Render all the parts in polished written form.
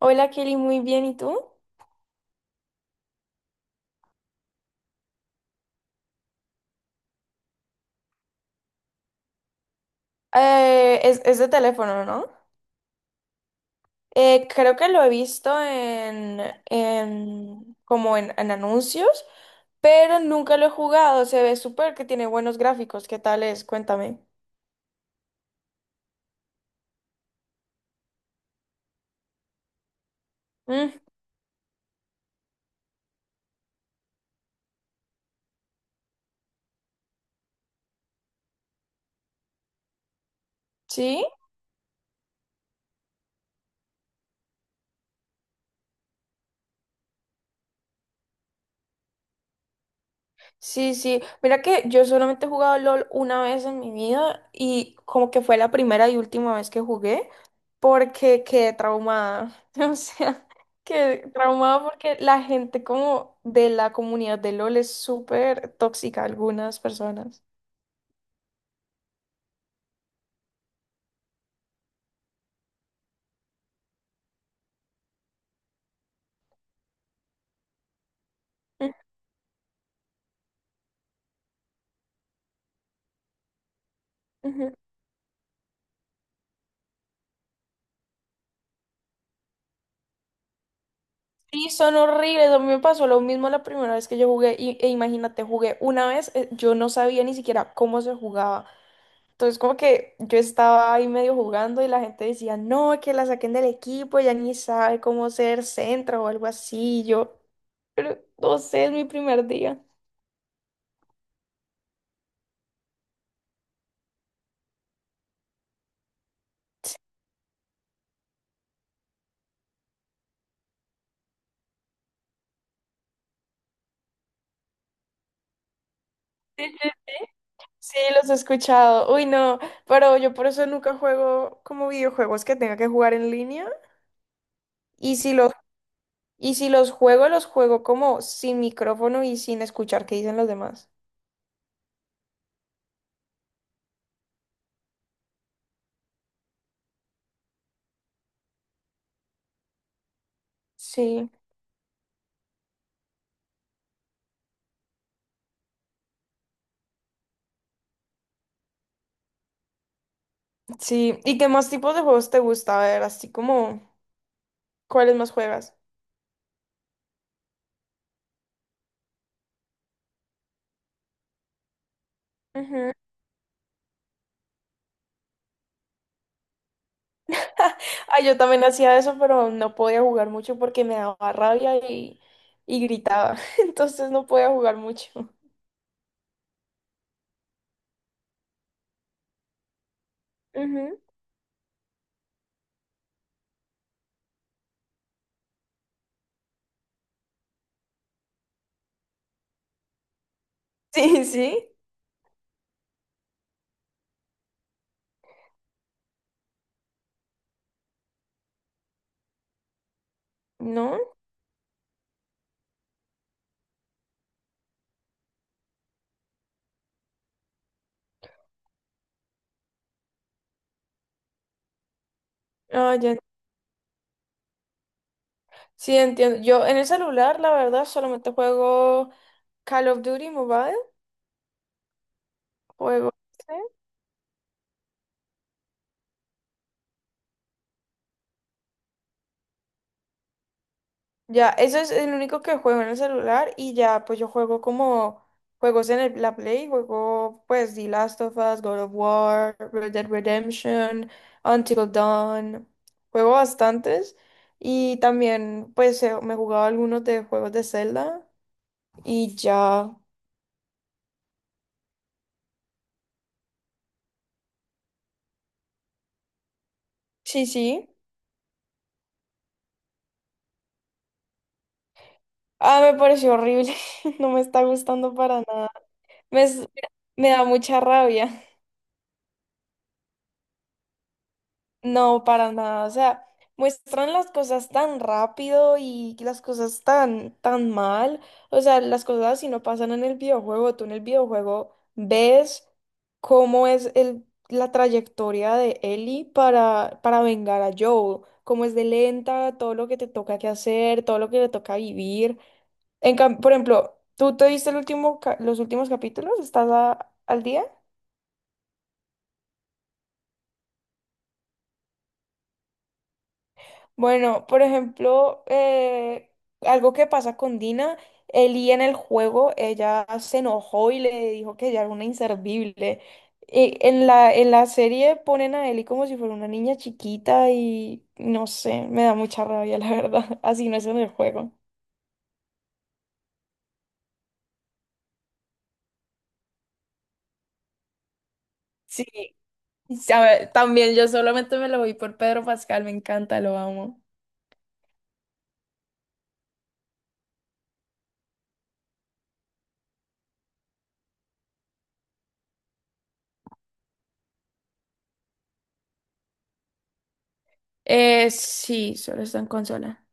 Hola Kelly, muy bien, ¿y tú? Es de teléfono, ¿no? Creo que lo he visto en anuncios, pero nunca lo he jugado. Se ve súper que tiene buenos gráficos. ¿Qué tal es? Cuéntame. Mm, ¿sí? Sí, sí. Mira que yo solamente he jugado LOL una vez en mi vida y como que fue la primera y última vez que jugué porque quedé traumada. O sea, quedé traumada porque la gente como de la comunidad de LOL es súper tóxica, algunas personas. Mm, ujú. Sí, son horribles. A mí me pasó lo mismo la primera vez que yo jugué y, e imagínate, jugué una vez, yo no sabía ni siquiera cómo se jugaba. Entonces, como que yo estaba ahí medio jugando y la gente decía, no, que la saquen del equipo, ya ni sabe cómo ser centro o algo así. Y yo, pero no sé, es mi primer día. Sí, los he escuchado. Uy, no, pero yo por eso nunca juego como videojuegos que tenga que jugar en línea. Y si los, y si los juego, los juego como sin micrófono y sin escuchar qué dicen los demás. Sí, sí. ¿Y qué más tipos de juegos te gusta? A ver, así como, ¿cuáles más juegas? Ujú. Ay, yo también hacía eso, pero no podía jugar mucho porque me daba rabia y gritaba. Entonces no podía jugar mucho. Ujú. Sí, sí. ¿No? Ah, ya. Sí, entiendo. Yo en el celular, la verdad, solamente juego Call of Duty Mobile. Juego. Ya, eso es el único que juego en el celular y ya, pues yo juego como juegos en la Play, juego pues The Last of Us, God of War, Red Dead Redemption, Until Dawn, juego bastantes y también pues me he jugado algunos de juegos de Zelda y ya, sí, sí. Ah, me pareció horrible, no me está gustando para nada. Me, es- me da mucha rabia. No, para nada. O sea, muestran las cosas tan rápido y las cosas tan, tan mal. O sea, las cosas si no pasan en el videojuego. Tú en el videojuego ves cómo es la trayectoria de Ellie para vengar a Joe, cómo es de lenta, todo lo que te toca que hacer, todo lo que le toca vivir. Por ejemplo, ¿tú te viste el los últimos capítulos? ¿Estás al día? Bueno, por ejemplo, algo que pasa con Dina, Ellie en el juego, ella se enojó y le dijo que ella era una inservible. Y en en la serie ponen a Ellie como si fuera una niña chiquita y no sé, me da mucha rabia, la verdad. Así no es en el juego. Sí, sabe, también yo solamente me lo voy por Pedro Pascal, me encanta, lo amo. Sí, solo está en consola.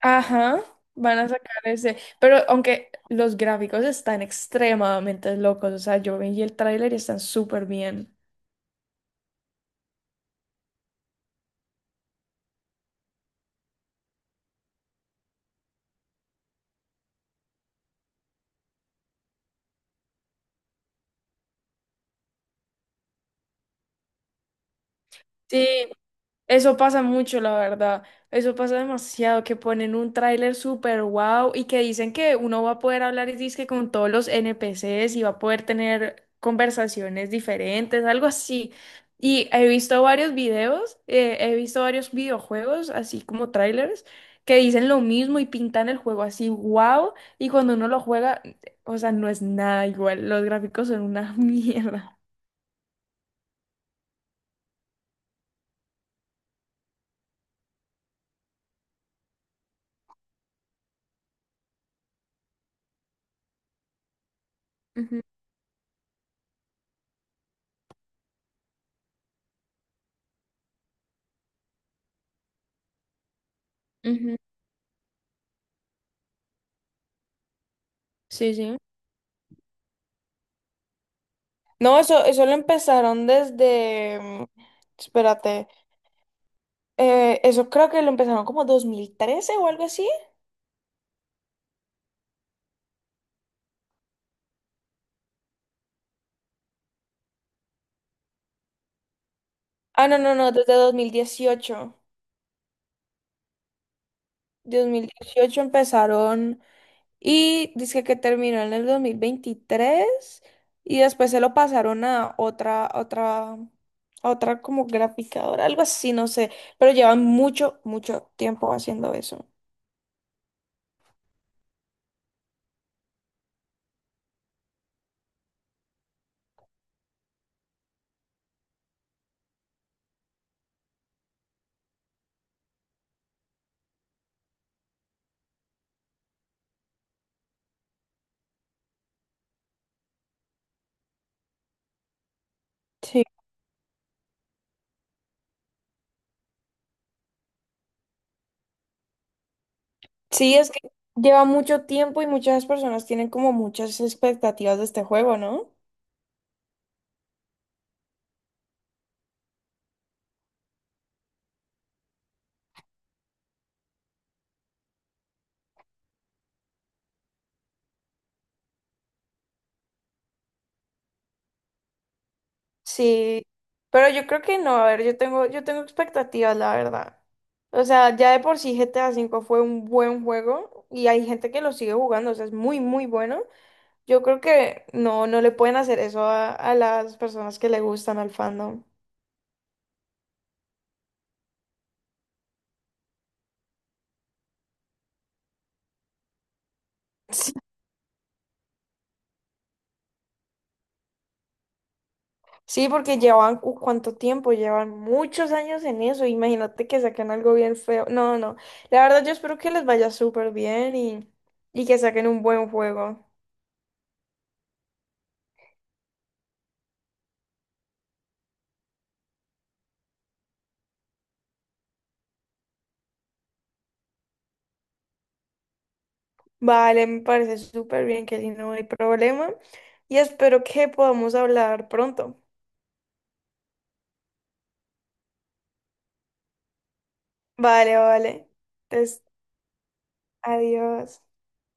Ajá, van a sacar ese. Pero aunque los gráficos están extremadamente locos, o sea, yo vi el tráiler y están súper bien. Sí, eso pasa mucho, la verdad. Eso pasa demasiado, que ponen un tráiler súper wow y que dicen que uno va a poder hablar y dizque con todos los NPCs y va a poder tener conversaciones diferentes, algo así. Y he visto varios videos, he visto varios videojuegos, así como trailers, que dicen lo mismo y pintan el juego así wow y cuando uno lo juega, o sea, no es nada igual. Los gráficos son una mierda. Ujú, ujú. Sí, sí. No, eso lo empezaron desde, mm, espérate, eso creo que lo empezaron como 2013 o algo así. Ah, no, no, no, desde 2018, 2018 empezaron y dice que terminó en el 2023 y después se lo pasaron a otra, a otra como graficadora, algo así, no sé, pero llevan mucho, mucho tiempo haciendo eso. Sí, es que lleva mucho tiempo y muchas personas tienen como muchas expectativas de este juego, ¿no? Sí, pero yo creo que no, a ver, yo tengo expectativas, la verdad. O sea, ya de por sí GTA V fue un buen juego y hay gente que lo sigue jugando, o sea, es muy, muy bueno. Yo creo que no, no le pueden hacer eso a las personas que le gustan al fandom. Sí, porque llevan, ¿cuánto tiempo? Llevan muchos años en eso. Imagínate que saquen algo bien feo. No, no. La verdad, yo espero que les vaya súper bien y que saquen un buen juego. Vale, me parece súper bien, que si no hay problema. Y espero que podamos hablar pronto. Vale, vale. Entonces, adiós.